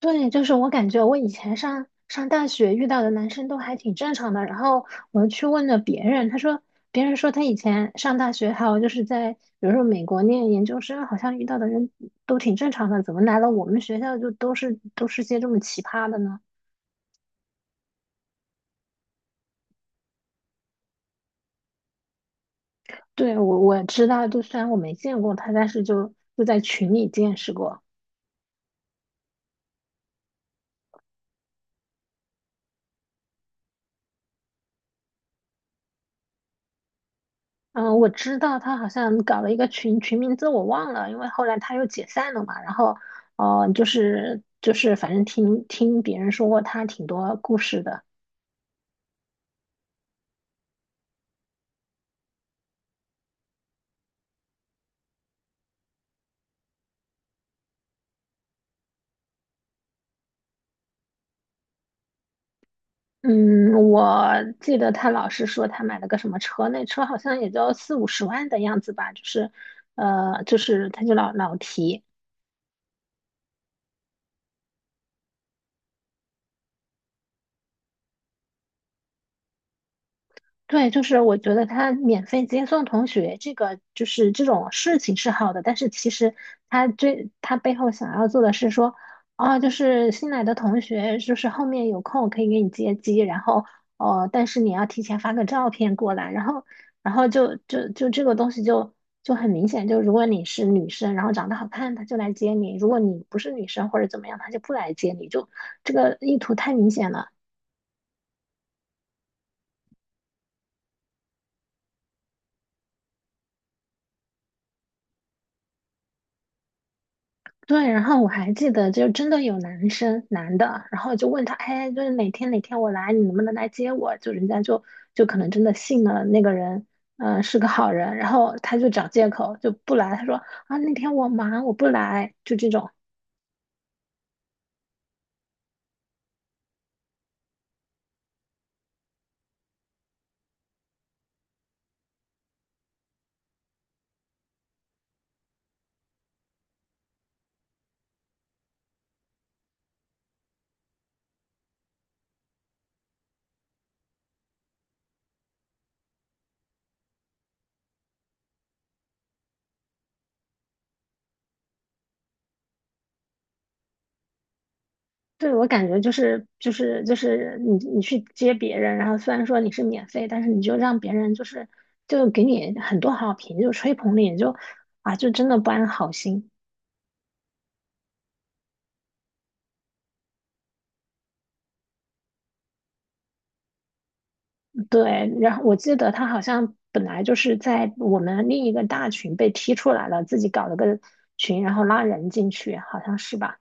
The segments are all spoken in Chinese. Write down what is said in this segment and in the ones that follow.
对，就是我感觉我以前上大学遇到的男生都还挺正常的，然后我去问了别人，他说别人说他以前上大学，还有就是在比如说美国念研究生，好像遇到的人都挺正常的，怎么来了我们学校就都是些这么奇葩的呢？对，我知道，就虽然我没见过他，但是就在群里见识过。嗯，我知道他好像搞了一个群，群名字我忘了，因为后来他又解散了嘛。然后，哦、就是，反正听别人说过他挺多故事的。嗯，我记得他老是说他买了个什么车，那车好像也就四五十万的样子吧，就是他就老提。对，就是我觉得他免费接送同学这个就是这种事情是好的，但是其实他背后想要做的是说，啊，就是新来的同学，就是后面有空可以给你接机，然后但是你要提前发个照片过来，然后然后就就就这个东西就很明显，就如果你是女生，然后长得好看，他就来接你；如果你不是女生或者怎么样，他就不来接你，就这个意图太明显了。对，然后我还记得，就真的有男的，然后就问他，哎，就是哪天哪天我来，你能不能来接我？就人家就可能真的信了那个人，是个好人，然后他就找借口就不来，他说啊那天我忙我不来，就这种。对，我感觉就是你去接别人，然后虽然说你是免费，但是你就让别人就给你很多好评，就吹捧你，就真的不安好心。对，然后我记得他好像本来就是在我们另一个大群被踢出来了，自己搞了个群，然后拉人进去，好像是吧？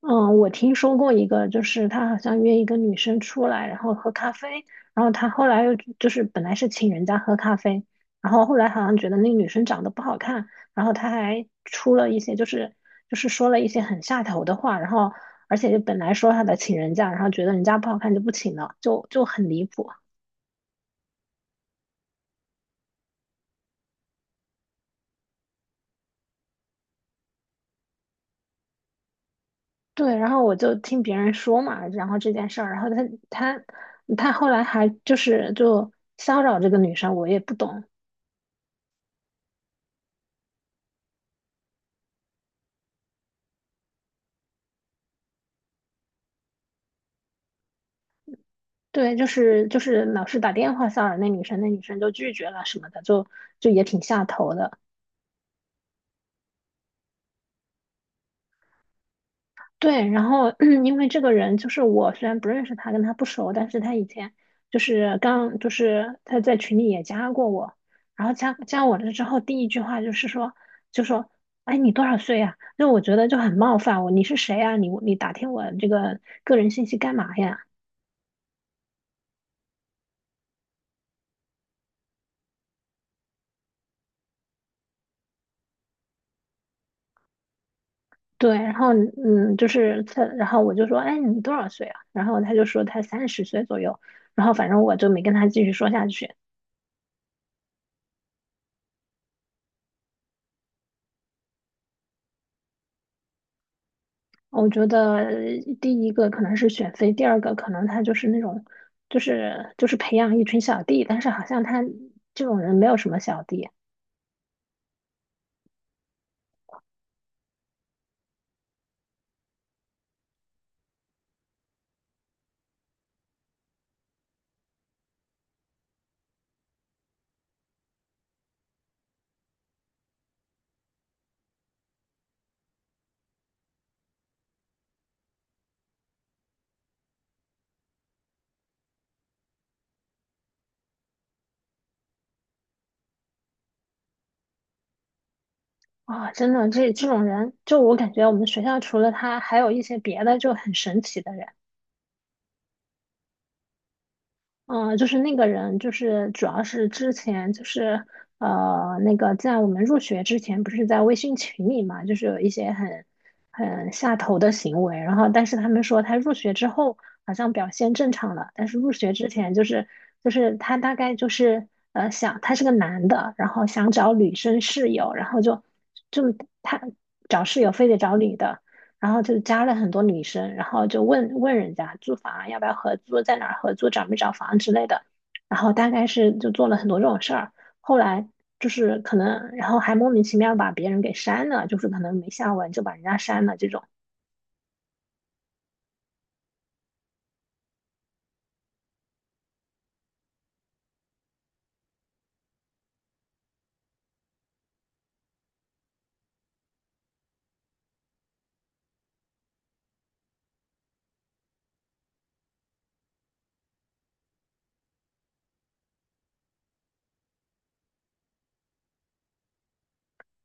嗯，我听说过一个，就是他好像约一个女生出来，然后喝咖啡，然后他后来又就是本来是请人家喝咖啡，然后后来好像觉得那女生长得不好看，然后他还出了一些就是说了一些很下头的话，然后而且就本来说他的请人家，然后觉得人家不好看就不请了，就很离谱。对，然后我就听别人说嘛，然后这件事儿，然后他他后来还就骚扰这个女生，我也不懂。对，老是打电话骚扰那女生，那女生就拒绝了什么的，就也挺下头的。对，然后 因为这个人就是我，虽然不认识他，跟他不熟，但是他以前就是刚就是他在群里也加过我，然后加我了之后，第一句话就说，哎，你多少岁呀、就我觉得就很冒犯我，你是谁呀、你打听我这个个人信息干嘛呀？对，然后就是他，然后我就说，哎，你多少岁啊？然后他就说他30岁左右，然后反正我就没跟他继续说下去。我觉得第一个可能是选妃，第二个可能他就是那种，就是培养一群小弟，但是好像他这种人没有什么小弟啊、真的这种人，就我感觉我们学校除了他，还有一些别的就很神奇的人。嗯，就是那个人，就是主要是之前那个在我们入学之前，不是在微信群里嘛，就是有一些很下头的行为，然后但是他们说他入学之后好像表现正常了，但是入学之前他大概就是想他是个男的，然后想找女生室友，然后就他找室友非得找女的。然后就加了很多女生，然后就问问人家租房啊要不要合租，在哪儿合租，找没找房之类的，然后大概是就做了很多这种事儿，后来就是可能，然后还莫名其妙把别人给删了，就是可能没下文就把人家删了这种，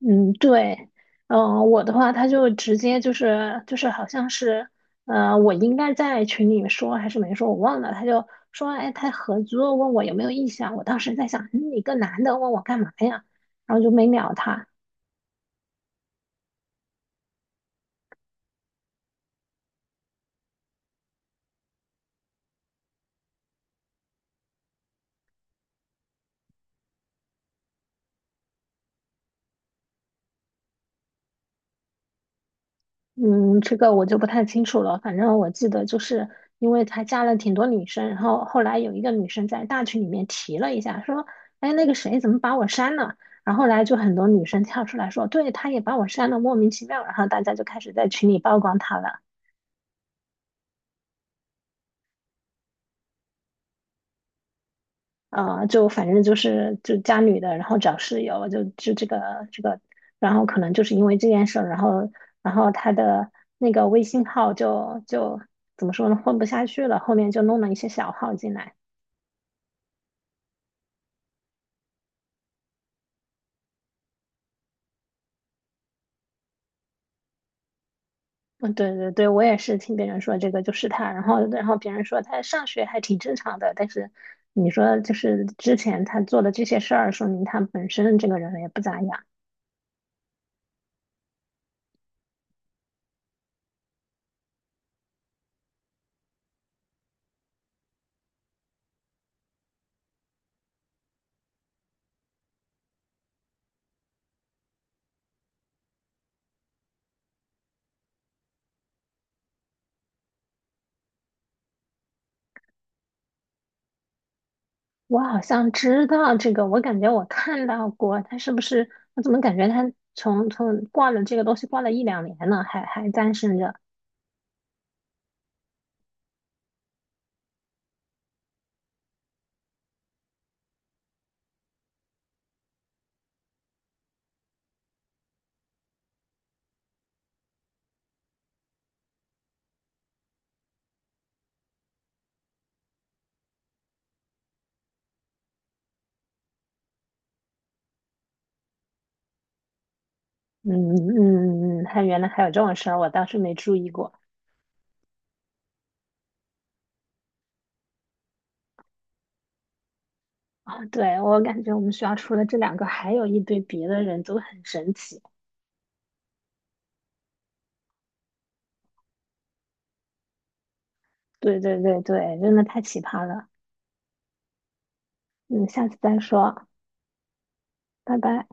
嗯，对，嗯，我的话他就直接就是好像是，我应该在群里面说还是没说，我忘了，他就说，哎，他合租问我有没有意向，我当时在想，嗯你个男的问我干嘛呀，然后就没鸟他。嗯，这个我就不太清楚了。反正我记得，就是因为他加了挺多女生，然后后来有一个女生在大群里面提了一下，说：“哎，那个谁怎么把我删了？”然后后来就很多女生跳出来说：“对，他也把我删了，莫名其妙。”然后大家就开始在群里曝光他了。呃，就反正就是就加女的，然后找室友，就这个这个，然后可能就是因为这件事儿，然后他的那个微信号就怎么说呢，混不下去了，后面就弄了一些小号进来。嗯，对对对，我也是听别人说这个就是他，然后别人说他上学还挺正常的，但是你说就是之前他做的这些事儿，说明他本身这个人也不咋样。我好像知道这个，我感觉我看到过，他是不是？我怎么感觉他从挂了这个东西挂了一两年了，还单身着？嗯嗯嗯，他原来还有这种事儿，我倒是没注意过。啊，对，我感觉我们学校除了这两个，还有一堆别的人都很神奇。对对对对，真的太奇葩了。嗯，下次再说，拜拜。